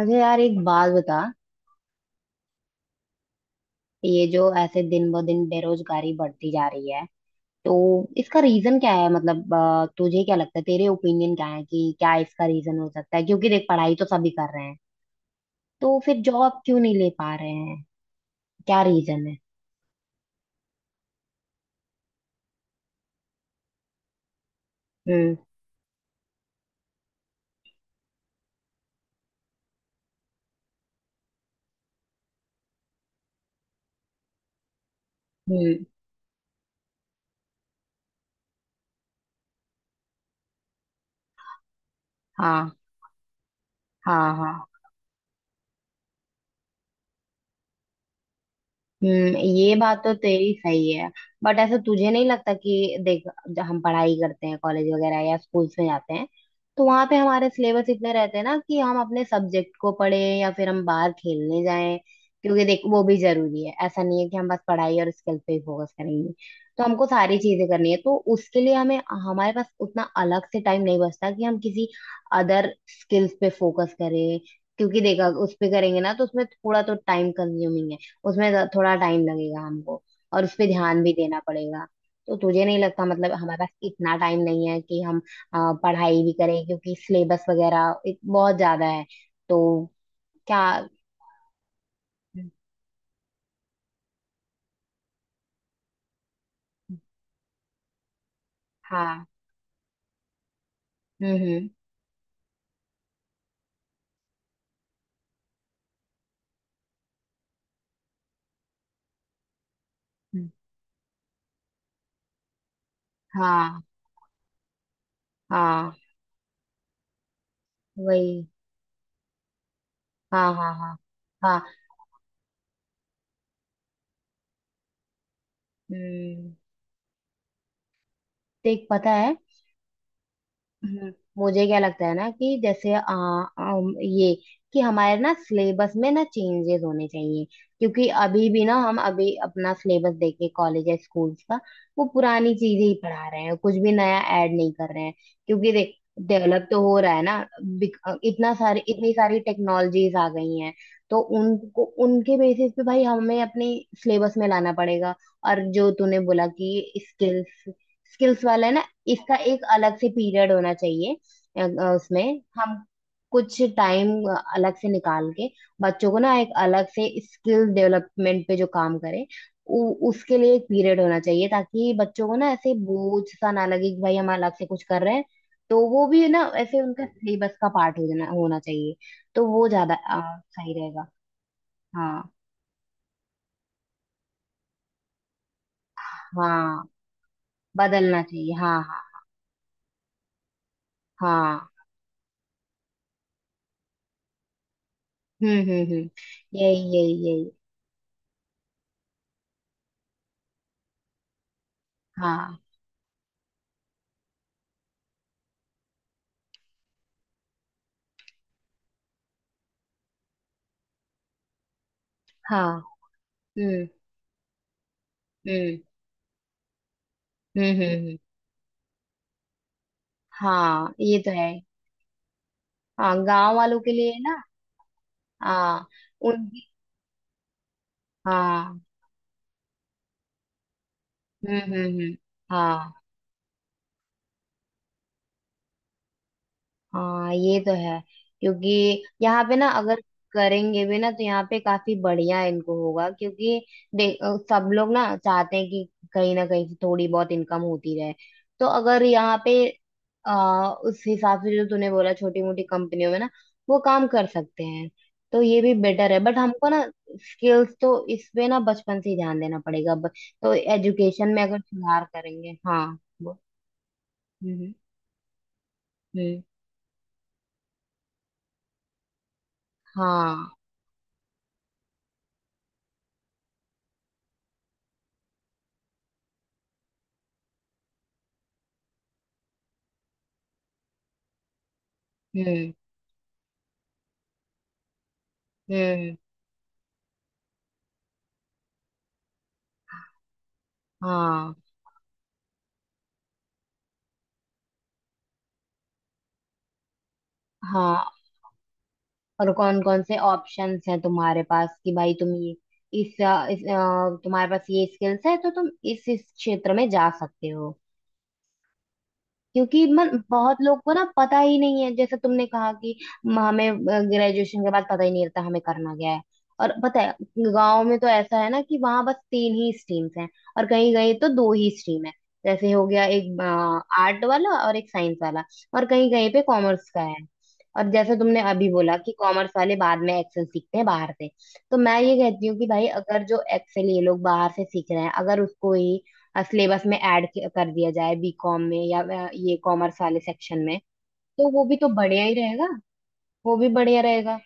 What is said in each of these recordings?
अच्छा यार, एक बात बता। ये जो ऐसे दिन ब दिन बेरोजगारी बढ़ती जा रही है तो इसका रीजन क्या है? मतलब तुझे क्या लगता है, तेरे ओपिनियन क्या है कि क्या इसका रीजन हो सकता है? क्योंकि देख, पढ़ाई तो सभी कर रहे हैं तो फिर जॉब क्यों नहीं ले पा रहे हैं? क्या रीजन है? हम्म। हम्म। हाँ हाँ हाँ। हम्म, ये बात तो तेरी सही है। बट ऐसा तुझे नहीं लगता कि देख, जब हम पढ़ाई करते हैं, कॉलेज वगैरह या स्कूल्स में जाते हैं, तो वहां पे हमारे सिलेबस इतने रहते हैं ना कि हम अपने सब्जेक्ट को पढ़े या फिर हम बाहर खेलने जाएं। क्योंकि देख, वो भी जरूरी है, ऐसा नहीं है कि हम बस पढ़ाई और स्किल पे ही फोकस करेंगे। तो हमको सारी चीजें करनी है तो उसके लिए हमें हमारे पास उतना अलग से टाइम नहीं बचता कि हम किसी अदर स्किल्स पे फोकस करें। क्योंकि देखा, उस पे करेंगे ना तो उसमें थोड़ा तो टाइम कंज्यूमिंग है। उसमें थोड़ा टाइम लगेगा हमको और उस पे ध्यान भी देना पड़ेगा। तो तुझे नहीं लगता मतलब हमारे पास इतना टाइम नहीं है कि हम अ, पढ़ाई भी करें क्योंकि सिलेबस वगैरह बहुत ज्यादा है? तो क्या? हाँ। हम्म हम्म हम्म, हाँ हाँ। वही। हाँ हाँ हाँ हाँ। हम्म, देख पता है। हम्म, मुझे क्या लगता है ना कि जैसे ये कि हमारे ना सिलेबस में ना चेंजेस होने चाहिए। क्योंकि अभी भी ना, हम अभी अपना सिलेबस देखे कॉलेज या स्कूल्स का, वो पुरानी चीजें ही पढ़ा रहे हैं, कुछ भी नया ऐड नहीं कर रहे हैं। क्योंकि देख, डेवलप तो हो रहा है ना। इतना सारी इतनी सारी टेक्नोलॉजीज आ गई हैं तो उनको उनके बेसिस पे भाई हमें अपने सिलेबस में लाना पड़ेगा। और जो तूने बोला कि स्किल्स, स्किल्स वाला है ना, इसका एक अलग से पीरियड होना चाहिए। उसमें हम कुछ टाइम अलग से निकाल के बच्चों को ना एक अलग से स्किल डेवलपमेंट पे जो काम करे, उसके लिए एक पीरियड होना चाहिए ताकि बच्चों को ना ऐसे बोझ सा ना लगे कि भाई हम अलग से कुछ कर रहे हैं। तो वो भी ना ऐसे उनका सिलेबस का पार्ट हो जाना होना चाहिए। तो वो ज्यादा सही रहेगा। हाँ हाँ, बदलना चाहिए, हाँ हाँ हाँ। हम्म। यही यही यही। हाँ हाँ। हम्म हम्म हम्म। हाँ ये तो है। हाँ, गांव वालों के लिए ना। हाँ। उनकी। हाँ। हम्म। हाँ। हाँ ये तो है। क्योंकि यहाँ पे ना अगर करेंगे भी ना तो यहाँ पे काफी बढ़िया इनको होगा। क्योंकि देख सब लोग ना चाहते हैं कि कहीं ना कहीं से थोड़ी बहुत इनकम होती रहे। तो अगर यहाँ पे उस हिसाब से, जो तूने बोला, छोटी मोटी कंपनियों में ना वो काम कर सकते हैं तो ये भी बेटर है। बट हमको ना स्किल्स तो इसमें ना बचपन से ही ध्यान देना पड़ेगा। तो एजुकेशन में अगर सुधार करेंगे, हाँ हम्म हम्म हम्म, हाँ। हम्म हम्म। हाँ हाँ। और कौन कौन से ऑप्शंस हैं तुम्हारे पास कि भाई तुम ये तुम्हारे पास ये स्किल्स है तो तुम इस क्षेत्र में जा सकते हो। क्योंकि मन बहुत लोग को ना पता ही नहीं है, जैसे तुमने कहा कि हमें ग्रेजुएशन के बाद पता ही नहीं रहता हमें करना क्या है। और पता है, गांव में तो ऐसा है ना कि वहां बस 3 ही स्ट्रीम्स हैं, और कहीं कहीं तो 2 ही स्ट्रीम है। जैसे हो गया एक आर्ट वाला और एक साइंस वाला, और कहीं कहीं पे कॉमर्स का है। और जैसे तुमने अभी बोला कि कॉमर्स वाले बाद में एक्सेल सीखते हैं बाहर से, तो मैं ये कहती हूँ कि भाई अगर जो एक्सेल ये लोग बाहर से सीख रहे हैं, अगर उसको ही सिलेबस में ऐड कर दिया जाए बीकॉम में या ये कॉमर्स वाले सेक्शन में, तो वो भी तो बढ़िया ही रहेगा। वो भी बढ़िया रहेगा।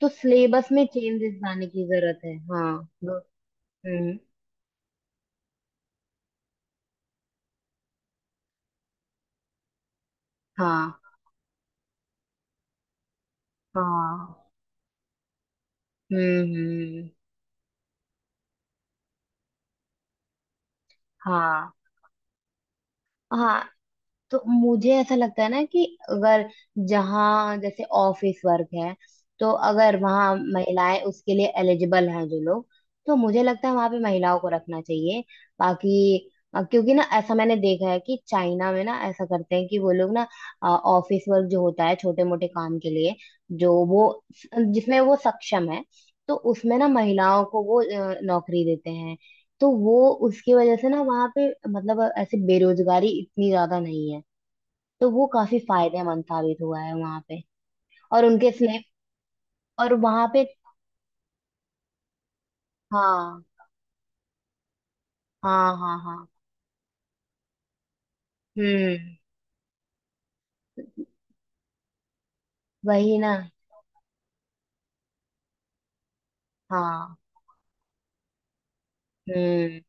तो सिलेबस में चेंजेस लाने की जरूरत है, हाँ। हम्म। हाँ हाँ। हम्म हम्म, हाँ हाँ। तो मुझे ऐसा लगता है ना कि अगर जहाँ जैसे ऑफिस वर्क है, तो अगर वहाँ महिलाएं उसके लिए एलिजिबल हैं, जो लोग, तो मुझे लगता है वहाँ पे महिलाओं को रखना चाहिए। बाकी क्योंकि ना ऐसा मैंने देखा है कि चाइना में ना ऐसा करते हैं कि वो लोग ना ऑफिस वर्क जो होता है, छोटे मोटे काम के लिए, जो वो, जिसमें वो सक्षम है, तो उसमें ना महिलाओं को वो नौकरी देते हैं। तो वो उसकी वजह से ना वहाँ पे मतलब ऐसे बेरोजगारी इतनी ज्यादा नहीं है। तो वो काफी फायदेमंद साबित हुआ है वहां पे। और उनके स्लेव और वहां पे, हाँ हाँ हाँ। हाँ। हम्म। वही ना। हाँ। हम्म।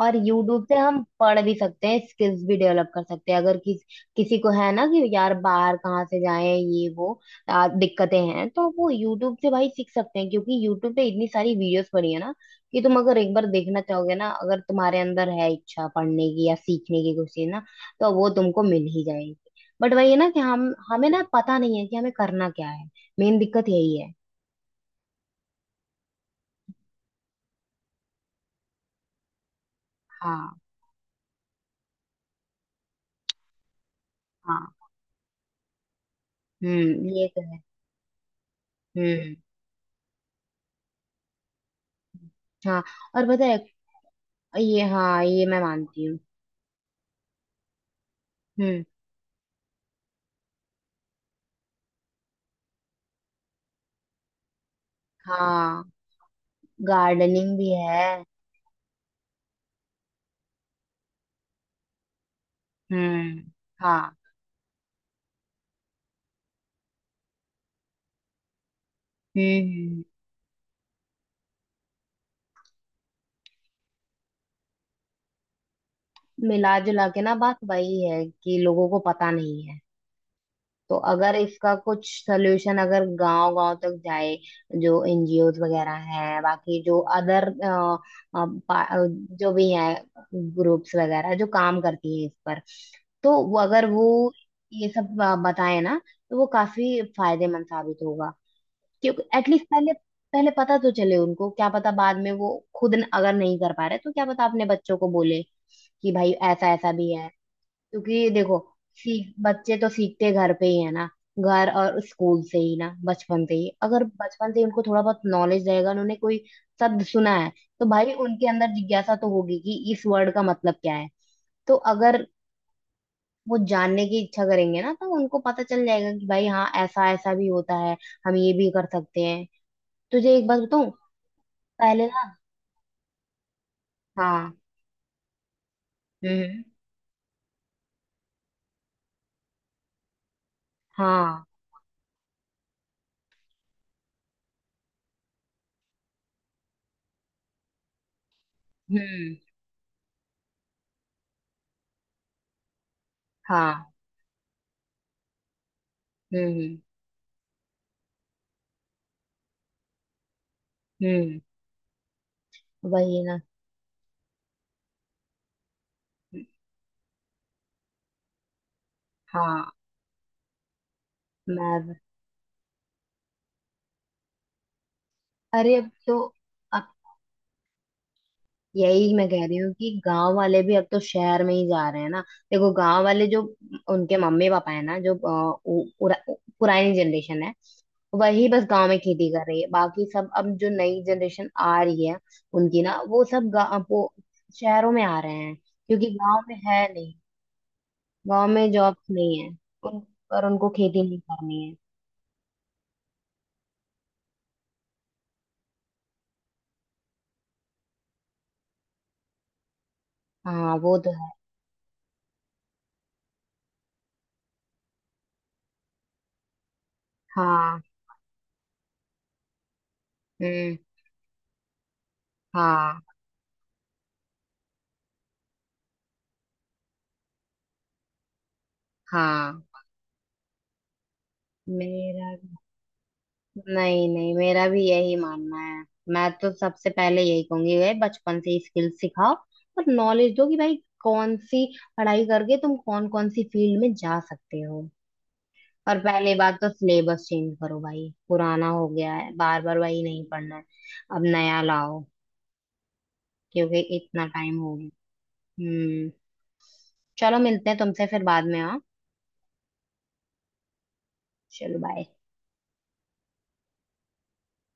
और यूट्यूब से हम पढ़ भी सकते हैं, स्किल्स भी डेवलप कर सकते हैं। अगर किस, किसी को है ना कि यार बाहर कहाँ से जाए ये वो दिक्कतें हैं, तो वो यूट्यूब से भाई सीख सकते हैं। क्योंकि यूट्यूब पे इतनी सारी वीडियोस पड़ी है ना कि तुम अगर एक बार देखना चाहोगे ना, अगर तुम्हारे अंदर है इच्छा पढ़ने की या सीखने की कुछ चीज ना, तो वो तुमको मिल ही जाएगी। बट वही है ना कि हम हमें ना पता नहीं है कि हमें करना क्या है। मेन दिक्कत यही है। हाँ। हाँ। ये तो है। हम्म। हाँ। और पता है, ये हाँ, ये मैं मानती हूँ। हम्म। हाँ, गार्डनिंग भी है। हम्म। हाँ। हम्म हम्म। मिला जुला के ना बात वही है कि लोगों को पता नहीं है। तो अगर इसका कुछ सल्यूशन अगर गांव गांव तक जाए, जो एनजीओ वगैरह हैं, बाकी जो अदर जो भी हैं, ग्रुप्स वगैरह जो काम करती है इस पर, तो वो अगर वो ये सब बताए ना, तो वो काफी फायदेमंद साबित होगा। क्योंकि एटलीस्ट पहले, पहले पता तो चले उनको। क्या पता बाद में वो खुद अगर नहीं कर पा रहे तो क्या पता अपने बच्चों को बोले कि भाई ऐसा ऐसा भी है। क्योंकि देखो, सीख बच्चे तो सीखते घर पे ही है ना, घर और स्कूल से ही ना, बचपन से ही। अगर बचपन से ही उनको थोड़ा बहुत नॉलेज रहेगा, उन्होंने कोई शब्द सुना है तो भाई उनके अंदर जिज्ञासा तो होगी कि इस वर्ड का मतलब क्या है। तो अगर वो जानने की इच्छा करेंगे ना, तो उनको पता चल जाएगा कि भाई हाँ ऐसा ऐसा भी होता है, हम ये भी कर सकते हैं। तुझे एक बात बताऊं? पहले ना, हाँ। हम्म। हाँ। हम्म। हाँ। हम्म हम्म। वही ना। हाँ। मैं, अरे अब तो, अब यही मैं कह रही हूँ कि गांव वाले भी अब तो शहर में ही जा रहे हैं ना। देखो गांव वाले, जो उनके मम्मी पापा है ना, जो पुरानी जनरेशन है, वही बस गांव में खेती कर रही है। बाकी सब अब जो नई जनरेशन आ रही है, उनकी ना वो सब वो शहरों में आ रहे हैं क्योंकि गांव में है नहीं, गांव में जॉब्स नहीं है। उन पर उनको खेती नहीं करनी है। हाँ वो तो है। हाँ। हम्म। हाँ हाँ। मेरा, नहीं नहीं, मेरा भी यही मानना है। मैं तो सबसे पहले यही कहूंगी भाई, बचपन से ही स्किल सिखाओ और नॉलेज दो कि भाई कौन सी पढ़ाई करके तुम कौन कौन सी फील्ड में जा सकते हो। और पहली बात तो सिलेबस चेंज करो भाई, पुराना हो गया है, बार बार वही नहीं पढ़ना है, अब नया लाओ। क्योंकि इतना टाइम हो गया। हम्म। चलो मिलते हैं तुमसे फिर बाद में, हाँ। चलो बाय।